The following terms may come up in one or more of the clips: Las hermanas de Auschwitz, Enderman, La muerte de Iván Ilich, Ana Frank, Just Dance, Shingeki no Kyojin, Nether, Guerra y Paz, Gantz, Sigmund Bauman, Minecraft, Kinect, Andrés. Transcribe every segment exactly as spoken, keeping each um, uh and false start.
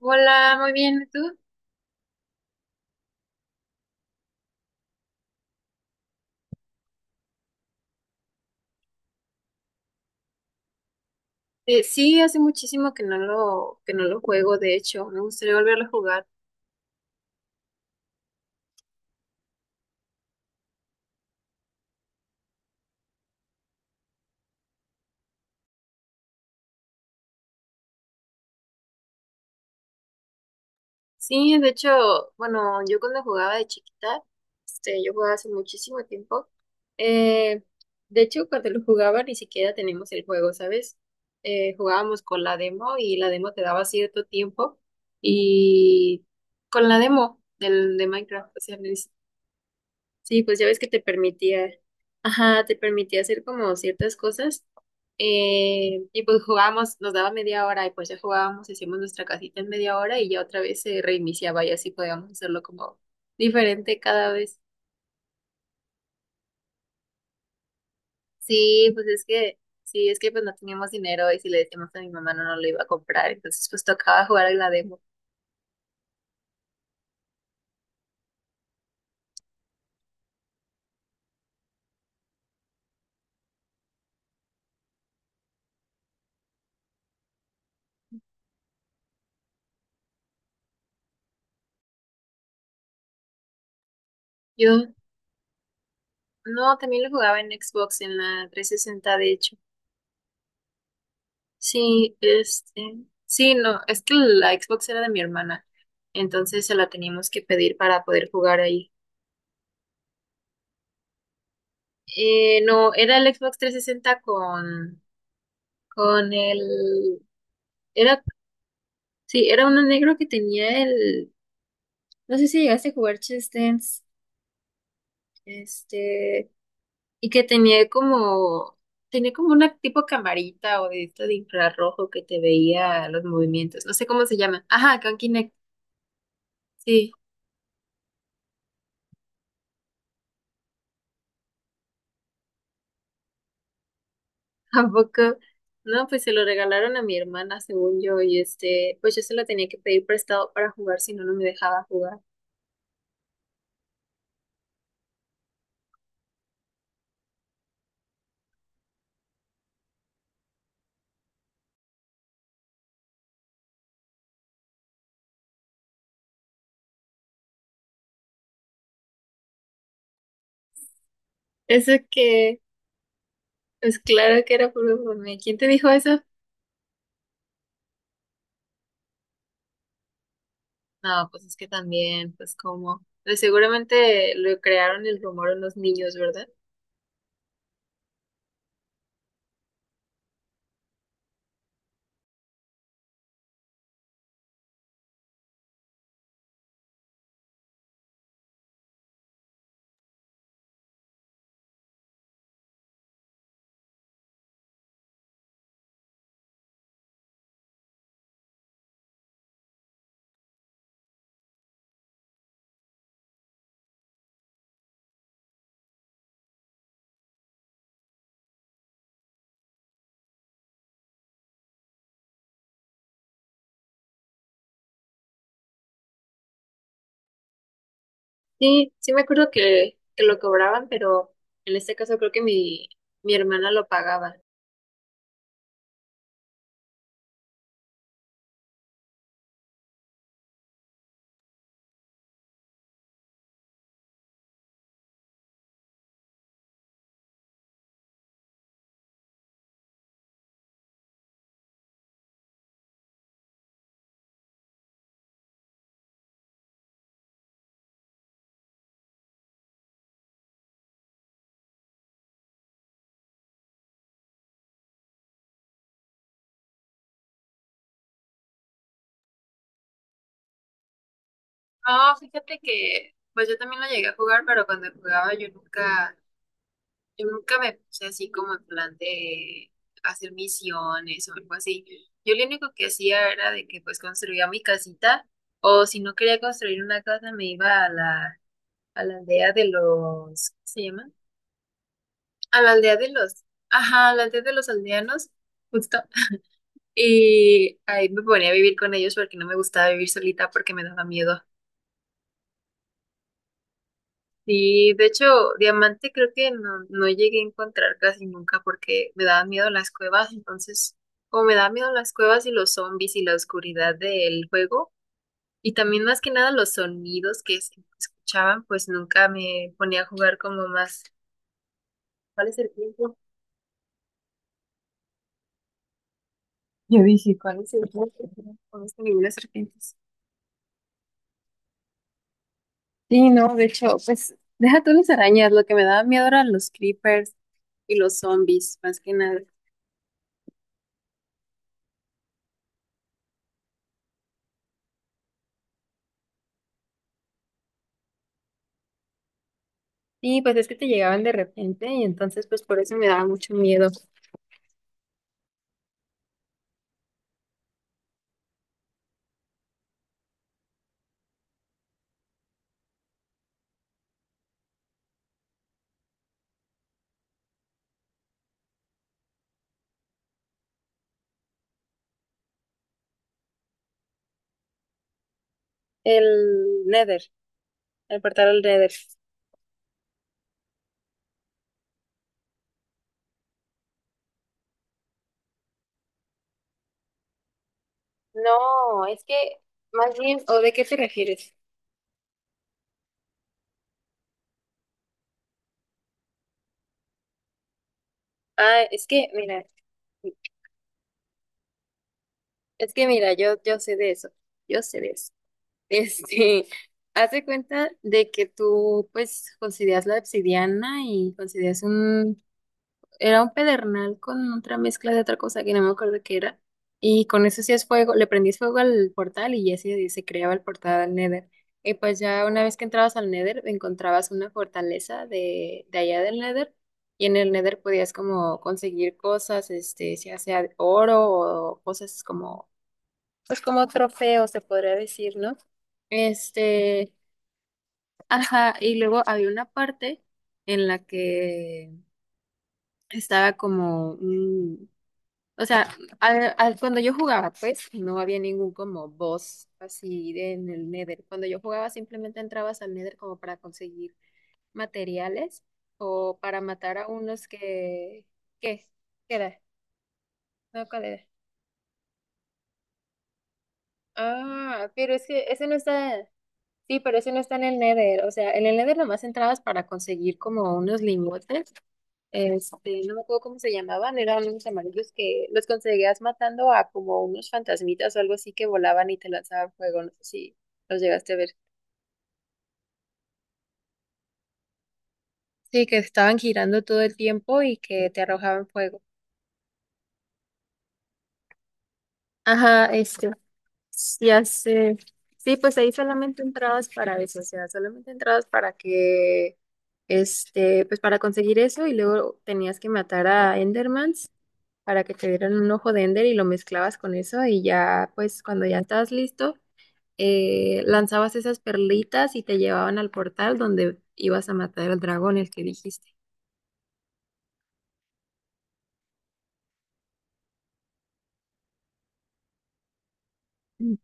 Hola, muy bien, ¿y tú? Eh, sí, hace muchísimo que no lo, que no lo juego, de hecho, me gustaría volverlo a jugar. Sí, de hecho, bueno, yo cuando jugaba de chiquita, este, yo jugaba hace muchísimo tiempo. Eh, de hecho, cuando lo jugaba ni siquiera teníamos el juego, ¿sabes? Eh, jugábamos con la demo y la demo te daba cierto tiempo y con la demo del, de Minecraft, o sea. Sí, pues ya ves que te permitía, ajá, te permitía hacer como ciertas cosas. Eh, y pues jugábamos, nos daba media hora y pues ya jugábamos, hacíamos nuestra casita en media hora y ya otra vez se reiniciaba y así podíamos hacerlo como diferente cada vez. Sí, pues es que, sí, es que pues no teníamos dinero y si le decíamos a mi mamá no, no lo iba a comprar, entonces pues tocaba jugar en la demo. Yo, no, también lo jugaba en Xbox, en la trescientos sesenta de hecho. Sí, este, sí, no, es que la Xbox era de mi hermana, entonces se la teníamos que pedir para poder jugar ahí. Eh, no, era el Xbox trescientos sesenta con, con el, era, sí, era uno negro que tenía el, no sé si llegaste a jugar Just Dance, este, y que tenía como, tenía como una tipo camarita o de esto de infrarrojo que te veía los movimientos, no sé cómo se llama. Ajá, con Kinect, sí. Tampoco, no, pues se lo regalaron a mi hermana, según yo, y este, pues yo se lo tenía que pedir prestado para jugar, si no, no me dejaba jugar. Eso que, pues claro que era puro mame. ¿Quién te dijo eso? No, pues es que también, pues como, pues seguramente lo crearon el rumor en los niños, ¿verdad? Sí, sí me acuerdo que, que lo cobraban, pero en este caso creo que mi, mi hermana lo pagaba. Ah, fíjate que, pues yo también lo llegué a jugar, pero cuando jugaba yo nunca. Yo nunca me puse así como en plan de hacer misiones o algo así. Yo lo único que hacía era de que pues construía mi casita o si no quería construir una casa me iba a la, a la aldea de los, ¿cómo se llama? A la aldea de los, ajá, a la aldea de los aldeanos, justo. Y ahí me ponía a vivir con ellos porque no me gustaba vivir solita porque me daba miedo. Sí, de hecho, diamante creo que no, no llegué a encontrar casi nunca porque me daban miedo las cuevas, entonces, como me daban miedo las cuevas y los zombies y la oscuridad del juego, y también más que nada los sonidos que se escuchaban, pues nunca me ponía a jugar como más. ¿Cuál es el tiempo? Yo dije, ¿cuál es el tiempo? No conozco ninguna serpiente. Sí, no, de hecho, pues deja tú las arañas, lo que me daba miedo eran los creepers y los zombies, más que nada. Sí, pues es que te llegaban de repente y entonces pues por eso me daba mucho miedo. El Nether, el portal al Nether. No, es que más bien, ¿o de qué te refieres? Ah, es que mira, es que mira, yo yo sé de eso, yo sé de eso. Este, haz de cuenta de que tú pues consideras la obsidiana y consideras era un pedernal con otra mezcla de otra cosa que no me acuerdo qué era. Y con eso hacías fuego, le prendías fuego al portal y ya se, se creaba el portal al Nether. Y pues ya una vez que entrabas al Nether, encontrabas una fortaleza de, de allá del Nether. Y en el Nether podías como conseguir cosas, este, ya sea oro o cosas como, pues como trofeos, se podría decir, ¿no? Este, ajá, y luego había una parte en la que estaba como, un- o sea, al- al- cuando yo jugaba, pues no había ningún como boss así de- en el Nether. Cuando yo jugaba, simplemente entrabas al Nether como para conseguir materiales o para matar a unos que... ¿Qué? ¿Qué era? No, ¿cuál era? Ah, pero es que ese no está... Sí, pero ese no está en el Nether. O sea, en el Nether nomás entrabas para conseguir como unos lingotes. Este, no me acuerdo cómo se llamaban, eran unos amarillos que los conseguías matando a como unos fantasmitas o algo así que volaban y te lanzaban fuego, no sé si los llegaste a ver. Sí, que estaban girando todo el tiempo y que te arrojaban fuego. Ajá, este, ya sé. Sí, pues ahí solamente entrabas para eso, o sea, solamente entrabas para que, este, pues para conseguir eso y luego tenías que matar a Endermans para que te dieran un ojo de Ender y lo mezclabas con eso y ya, pues cuando ya estabas listo. Eh, lanzabas esas perlitas y te llevaban al portal donde ibas a matar al dragón, el que dijiste. Mm.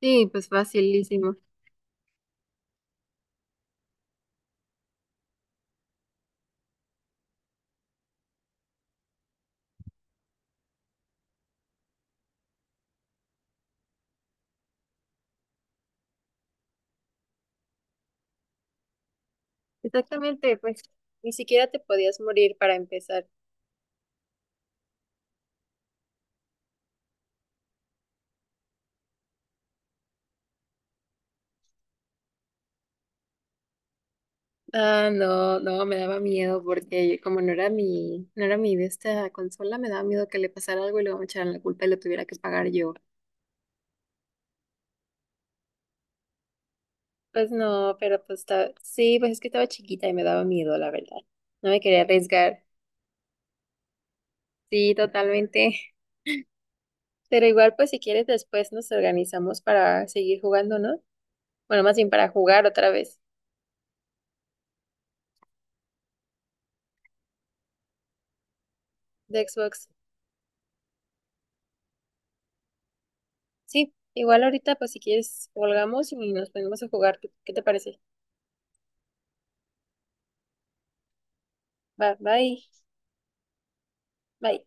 Sí, pues facilísimo. Exactamente, pues ni siquiera te podías morir para empezar. Ah, no, no, me daba miedo porque como no era mi, no era mi de esta consola, me daba miedo que le pasara algo y luego me echaran la culpa y lo tuviera que pagar yo. Pues no, pero pues ta- sí, pues es que estaba chiquita y me daba miedo, la verdad. No me quería arriesgar. Sí, totalmente. Pero igual, pues si quieres, después nos organizamos para seguir jugando, ¿no? Bueno, más bien para jugar otra vez de Xbox. Sí, igual ahorita, pues si quieres, colgamos y nos ponemos a jugar. ¿Qué qué te parece? Va, bye, bye.